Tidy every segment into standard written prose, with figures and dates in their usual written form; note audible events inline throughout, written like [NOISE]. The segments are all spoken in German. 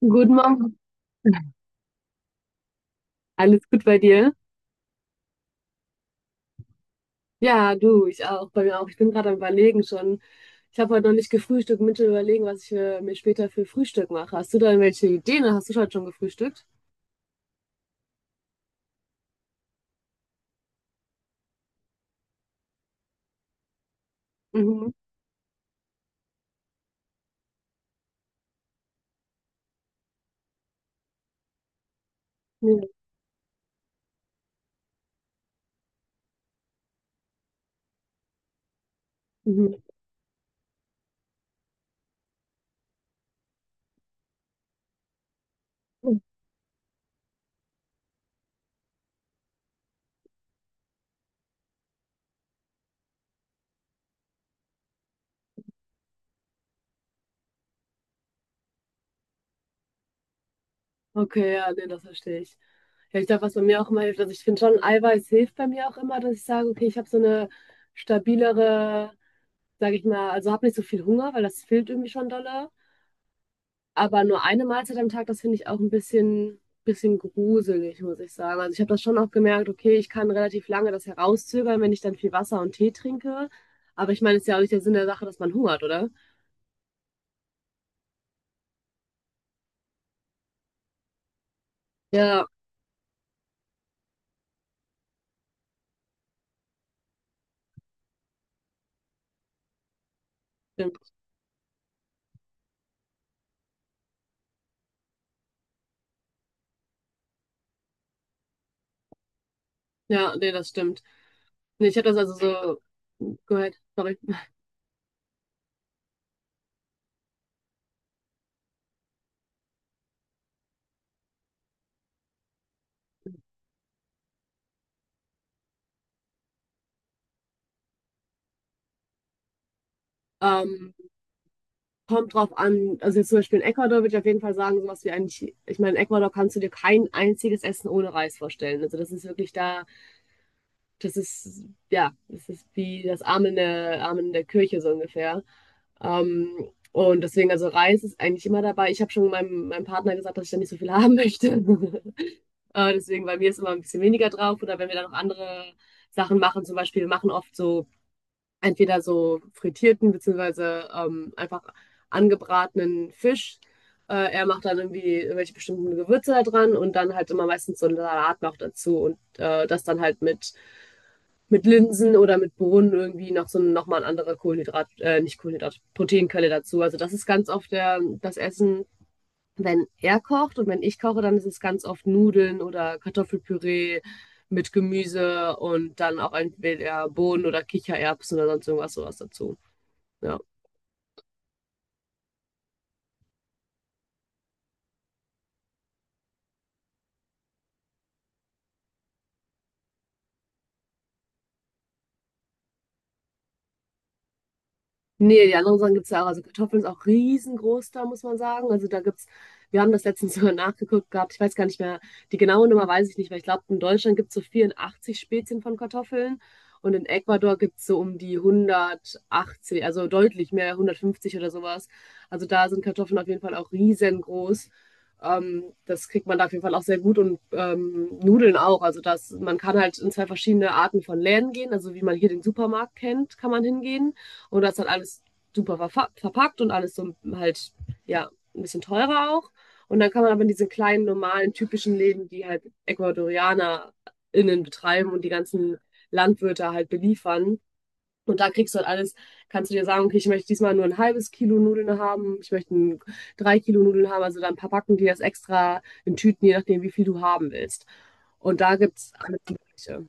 Guten Morgen. Alles gut bei dir? Ja, du, ich auch, bei mir auch. Ich bin gerade am Überlegen schon. Ich habe heute noch nicht gefrühstückt, mit dem Überlegen, was ich mir später für Frühstück mache. Hast du da irgendwelche Ideen, oder hast du heute schon gefrühstückt? Mhm. Ja. Mhm. Okay, ja, nee, das verstehe ich. Ja, ich glaube, was bei mir auch immer hilft, also ich finde schon, Eiweiß hilft bei mir auch immer, dass ich sage, okay, ich habe so eine stabilere, sage ich mal, also habe nicht so viel Hunger, weil das fehlt irgendwie schon dolle. Aber nur eine Mahlzeit am Tag, das finde ich auch ein bisschen gruselig, muss ich sagen. Also ich habe das schon auch gemerkt, okay, ich kann relativ lange das herauszögern, wenn ich dann viel Wasser und Tee trinke. Aber ich meine, es ist ja auch nicht der Sinn der Sache, dass man hungert, oder? Ja, stimmt. Ja, nee, das stimmt. Nee, ich habe das also so gehört, sorry. Ähm, Kommt drauf an, also jetzt zum Beispiel in Ecuador würde ich auf jeden Fall sagen, sowas wie eigentlich, ich meine, in Ecuador kannst du dir kein einziges Essen ohne Reis vorstellen. Also das ist wirklich da. Das ist, ja, das ist wie das Amen der Kirche so ungefähr. Ähm, und deswegen, also Reis ist eigentlich immer dabei. Ich habe schon meinem Partner gesagt, dass ich da nicht so viel haben möchte. [LAUGHS] Deswegen bei mir ist immer ein bisschen weniger drauf. Oder wenn wir dann noch andere Sachen machen, zum Beispiel, wir machen oft so entweder so frittierten beziehungsweise einfach angebratenen Fisch. Er macht dann irgendwie irgendwelche bestimmten Gewürze da dran und dann halt immer meistens so einen Salat noch dazu und das dann halt mit Linsen oder mit Bohnen irgendwie noch so nochmal ein anderer Kohlenhydrat, nicht Kohlenhydrat, Proteinquelle dazu. Also das ist ganz oft das Essen, wenn er kocht, und wenn ich koche, dann ist es ganz oft Nudeln oder Kartoffelpüree mit Gemüse und dann auch entweder Bohnen oder Kichererbsen oder sonst irgendwas sowas dazu. Ja. Nee, die anderen Sachen gibt's ja auch. Also Kartoffeln ist auch riesengroß da, muss man sagen. Also da gibt's, wir haben das letztens [LAUGHS] sogar nachgeguckt gehabt. Ich weiß gar nicht mehr, die genaue Nummer weiß ich nicht, weil ich glaube, in Deutschland gibt's so 84 Spezien von Kartoffeln und in Ecuador gibt's so um die 180, also deutlich mehr, 150 oder sowas. Also da sind Kartoffeln auf jeden Fall auch riesengroß. Das kriegt man da auf jeden Fall auch sehr gut und Nudeln auch. Also das, man kann halt in zwei verschiedene Arten von Läden gehen. Also wie man hier den Supermarkt kennt, kann man hingehen. Und das hat alles super verpackt und alles so halt, ja, ein bisschen teurer auch. Und dann kann man aber in diese kleinen, normalen, typischen Läden, die halt EcuadorianerInnen betreiben und die ganzen Landwirte halt beliefern. Und da kriegst du halt alles, kannst du dir sagen, okay, ich möchte diesmal nur ein halbes Kilo Nudeln haben, ich möchte 3 Kilo Nudeln haben, also dann verpacken die das extra in Tüten, je nachdem, wie viel du haben willst. Und da gibt's alles Mögliche.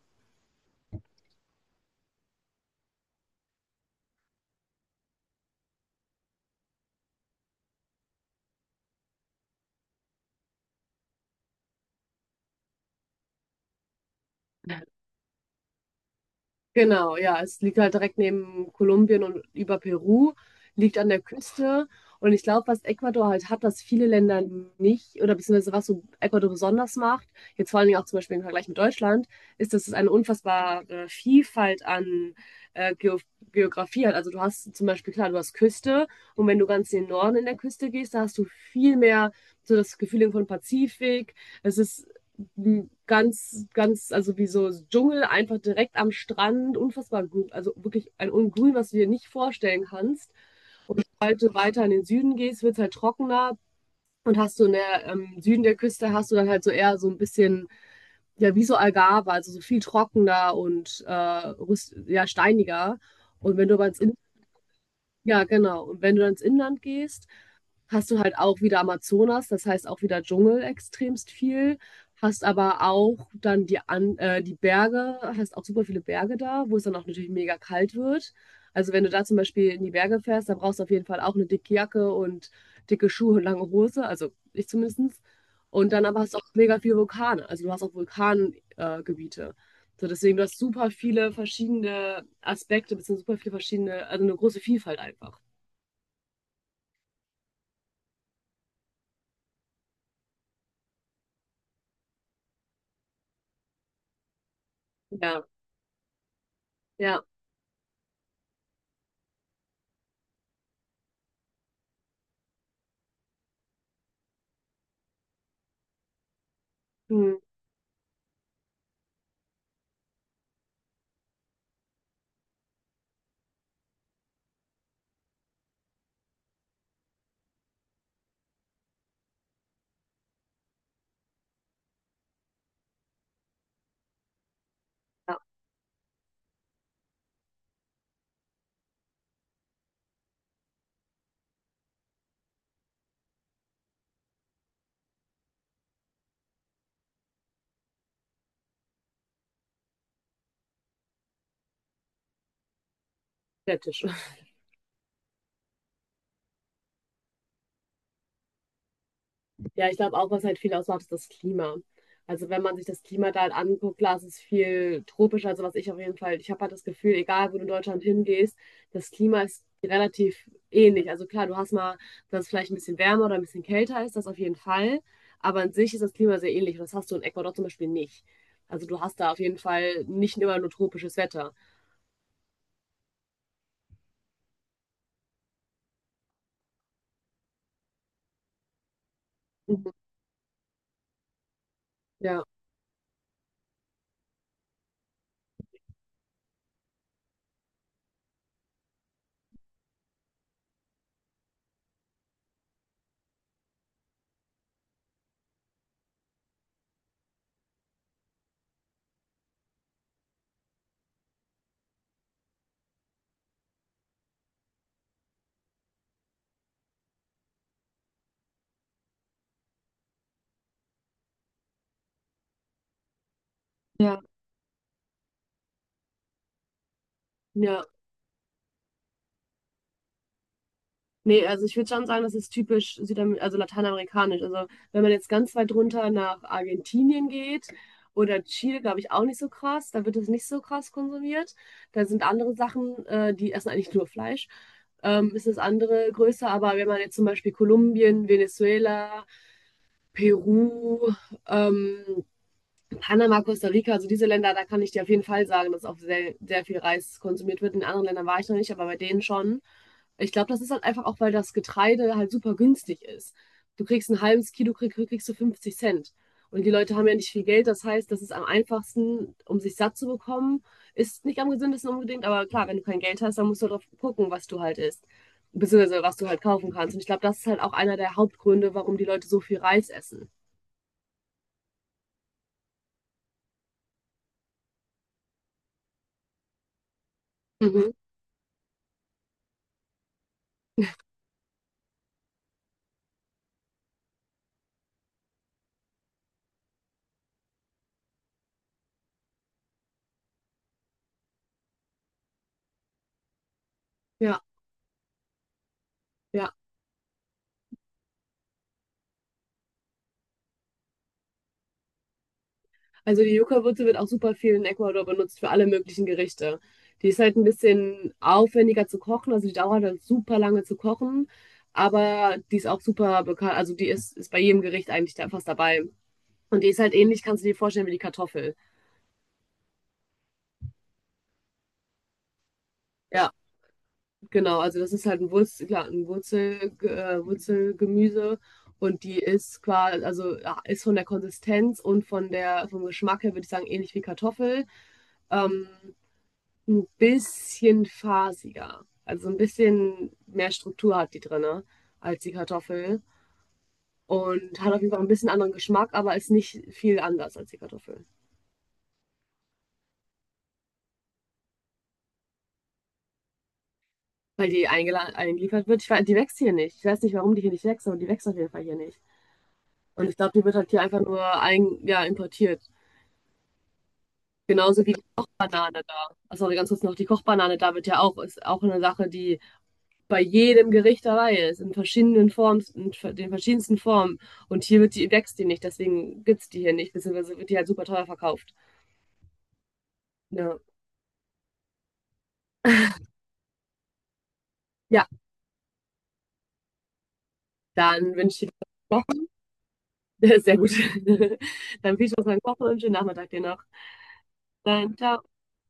Genau, ja, es liegt halt direkt neben Kolumbien und über Peru, liegt an der Küste. Und ich glaube, was Ecuador halt hat, was viele Länder nicht, oder beziehungsweise was so Ecuador besonders macht, jetzt vor allen Dingen auch zum Beispiel im Vergleich mit Deutschland, ist, dass es eine unfassbare Vielfalt an äh, Geo Geografie hat. Also du hast zum Beispiel, klar, du hast Küste und wenn du ganz in den Norden in der Küste gehst, da hast du viel mehr so das Gefühl von Pazifik. Es ist ganz, ganz, also wie so Dschungel, einfach direkt am Strand, unfassbar grün, also wirklich ein Ungrün, was du dir nicht vorstellen kannst. Und sobald du weiter in den Süden gehst, wird es halt trockener. Und hast du in der Süden der Küste, hast du dann halt so eher so ein bisschen, ja, wie so Algarve, also so viel trockener und ja, steiniger. Und wenn du aber ins In-, ja, genau. Und wenn du dann ins Inland gehst, hast du halt auch wieder Amazonas, das heißt auch wieder Dschungel extremst viel. Hast aber auch dann die, An die Berge, hast auch super viele Berge da, wo es dann auch natürlich mega kalt wird. Also wenn du da zum Beispiel in die Berge fährst, dann brauchst du auf jeden Fall auch eine dicke Jacke und dicke Schuhe und lange Hose, also ich zumindest. Und dann aber hast du auch mega viele Vulkane, also du hast auch Vulkangebiete. Gebiete. So deswegen, du hast super viele verschiedene Aspekte, beziehungsweise super viele verschiedene, also eine große Vielfalt einfach. Ja, ja. Hm. Städtisch. [LAUGHS] Ja, ich glaube auch, was halt viel ausmacht, ist das Klima. Also wenn man sich das Klima da halt anguckt, klar, es ist viel tropisch. Also was ich auf jeden Fall, ich habe halt das Gefühl, egal wo du in Deutschland hingehst, das Klima ist relativ ähnlich. Also klar, du hast mal, dass es vielleicht ein bisschen wärmer oder ein bisschen kälter ist, das auf jeden Fall. Aber an sich ist das Klima sehr ähnlich und das hast du in Ecuador zum Beispiel nicht. Also du hast da auf jeden Fall nicht immer nur tropisches Wetter. Mhm. Ja, ja, ja. Nee, also ich würde schon sagen, das ist typisch Südamer also lateinamerikanisch. Also wenn man jetzt ganz weit runter nach Argentinien geht oder Chile, glaube ich, auch nicht so krass. Da wird es nicht so krass konsumiert. Da sind andere Sachen, die essen eigentlich nur Fleisch. Ist das andere größer. Aber wenn man jetzt zum Beispiel Kolumbien, Venezuela, Peru, ähm, Panama, Costa Rica, also diese Länder, da kann ich dir auf jeden Fall sagen, dass auch sehr, sehr viel Reis konsumiert wird. In anderen Ländern war ich noch nicht, aber bei denen schon. Ich glaube, das ist halt einfach auch, weil das Getreide halt super günstig ist. Du kriegst ein halbes Kilo, kriegst du 50 Cent. Und die Leute haben ja nicht viel Geld. Das heißt, das ist am einfachsten, um sich satt zu bekommen. Ist nicht am gesündesten unbedingt, aber klar, wenn du kein Geld hast, dann musst du darauf gucken, was du halt isst. Beziehungsweise was du halt kaufen kannst. Und ich glaube, das ist halt auch einer der Hauptgründe, warum die Leute so viel Reis essen. Mhm. Ja, ja. Also die Yucca-Wurzel wird auch super viel in Ecuador benutzt für alle möglichen Gerichte. Die ist halt ein bisschen aufwendiger zu kochen, also die dauert halt super lange zu kochen, aber die ist auch super bekannt, also die ist, ist bei jedem Gericht eigentlich da fast dabei. Und die ist halt ähnlich, kannst du dir vorstellen, wie die Kartoffel. Ja, genau, also das ist halt ein Wurzel, klar, ein Wurzel, Wurzelgemüse und die ist quasi, also ja, ist von der Konsistenz und von der, vom Geschmack her, würde ich sagen, ähnlich wie Kartoffel. Ähm, ein bisschen fasiger. Also ein bisschen mehr Struktur hat die drinne als die Kartoffel. Und hat auf jeden Fall ein bisschen anderen Geschmack, aber ist nicht viel anders als die Kartoffel. Weil die eingeliefert wird. Ich weiß, die wächst hier nicht. Ich weiß nicht, warum die hier nicht wächst, aber die wächst auf jeden Fall hier nicht. Und ich glaube, die wird halt hier einfach nur ja, importiert. Genauso wie die Kochbanane da. Achso, ganz kurz noch, die Kochbanane da wird ja auch, ist auch eine Sache, die bei jedem Gericht dabei ist, in verschiedenen Formen, in den verschiedensten Formen. Und hier wird die, wächst die nicht, deswegen gibt es die hier nicht, beziehungsweise wird die halt super teuer verkauft. Ja, ja, dann wünsche ich dir noch, sehr gut, [LAUGHS] dann viel Spaß beim Kochen und schönen Nachmittag dir noch. Dann, ciao.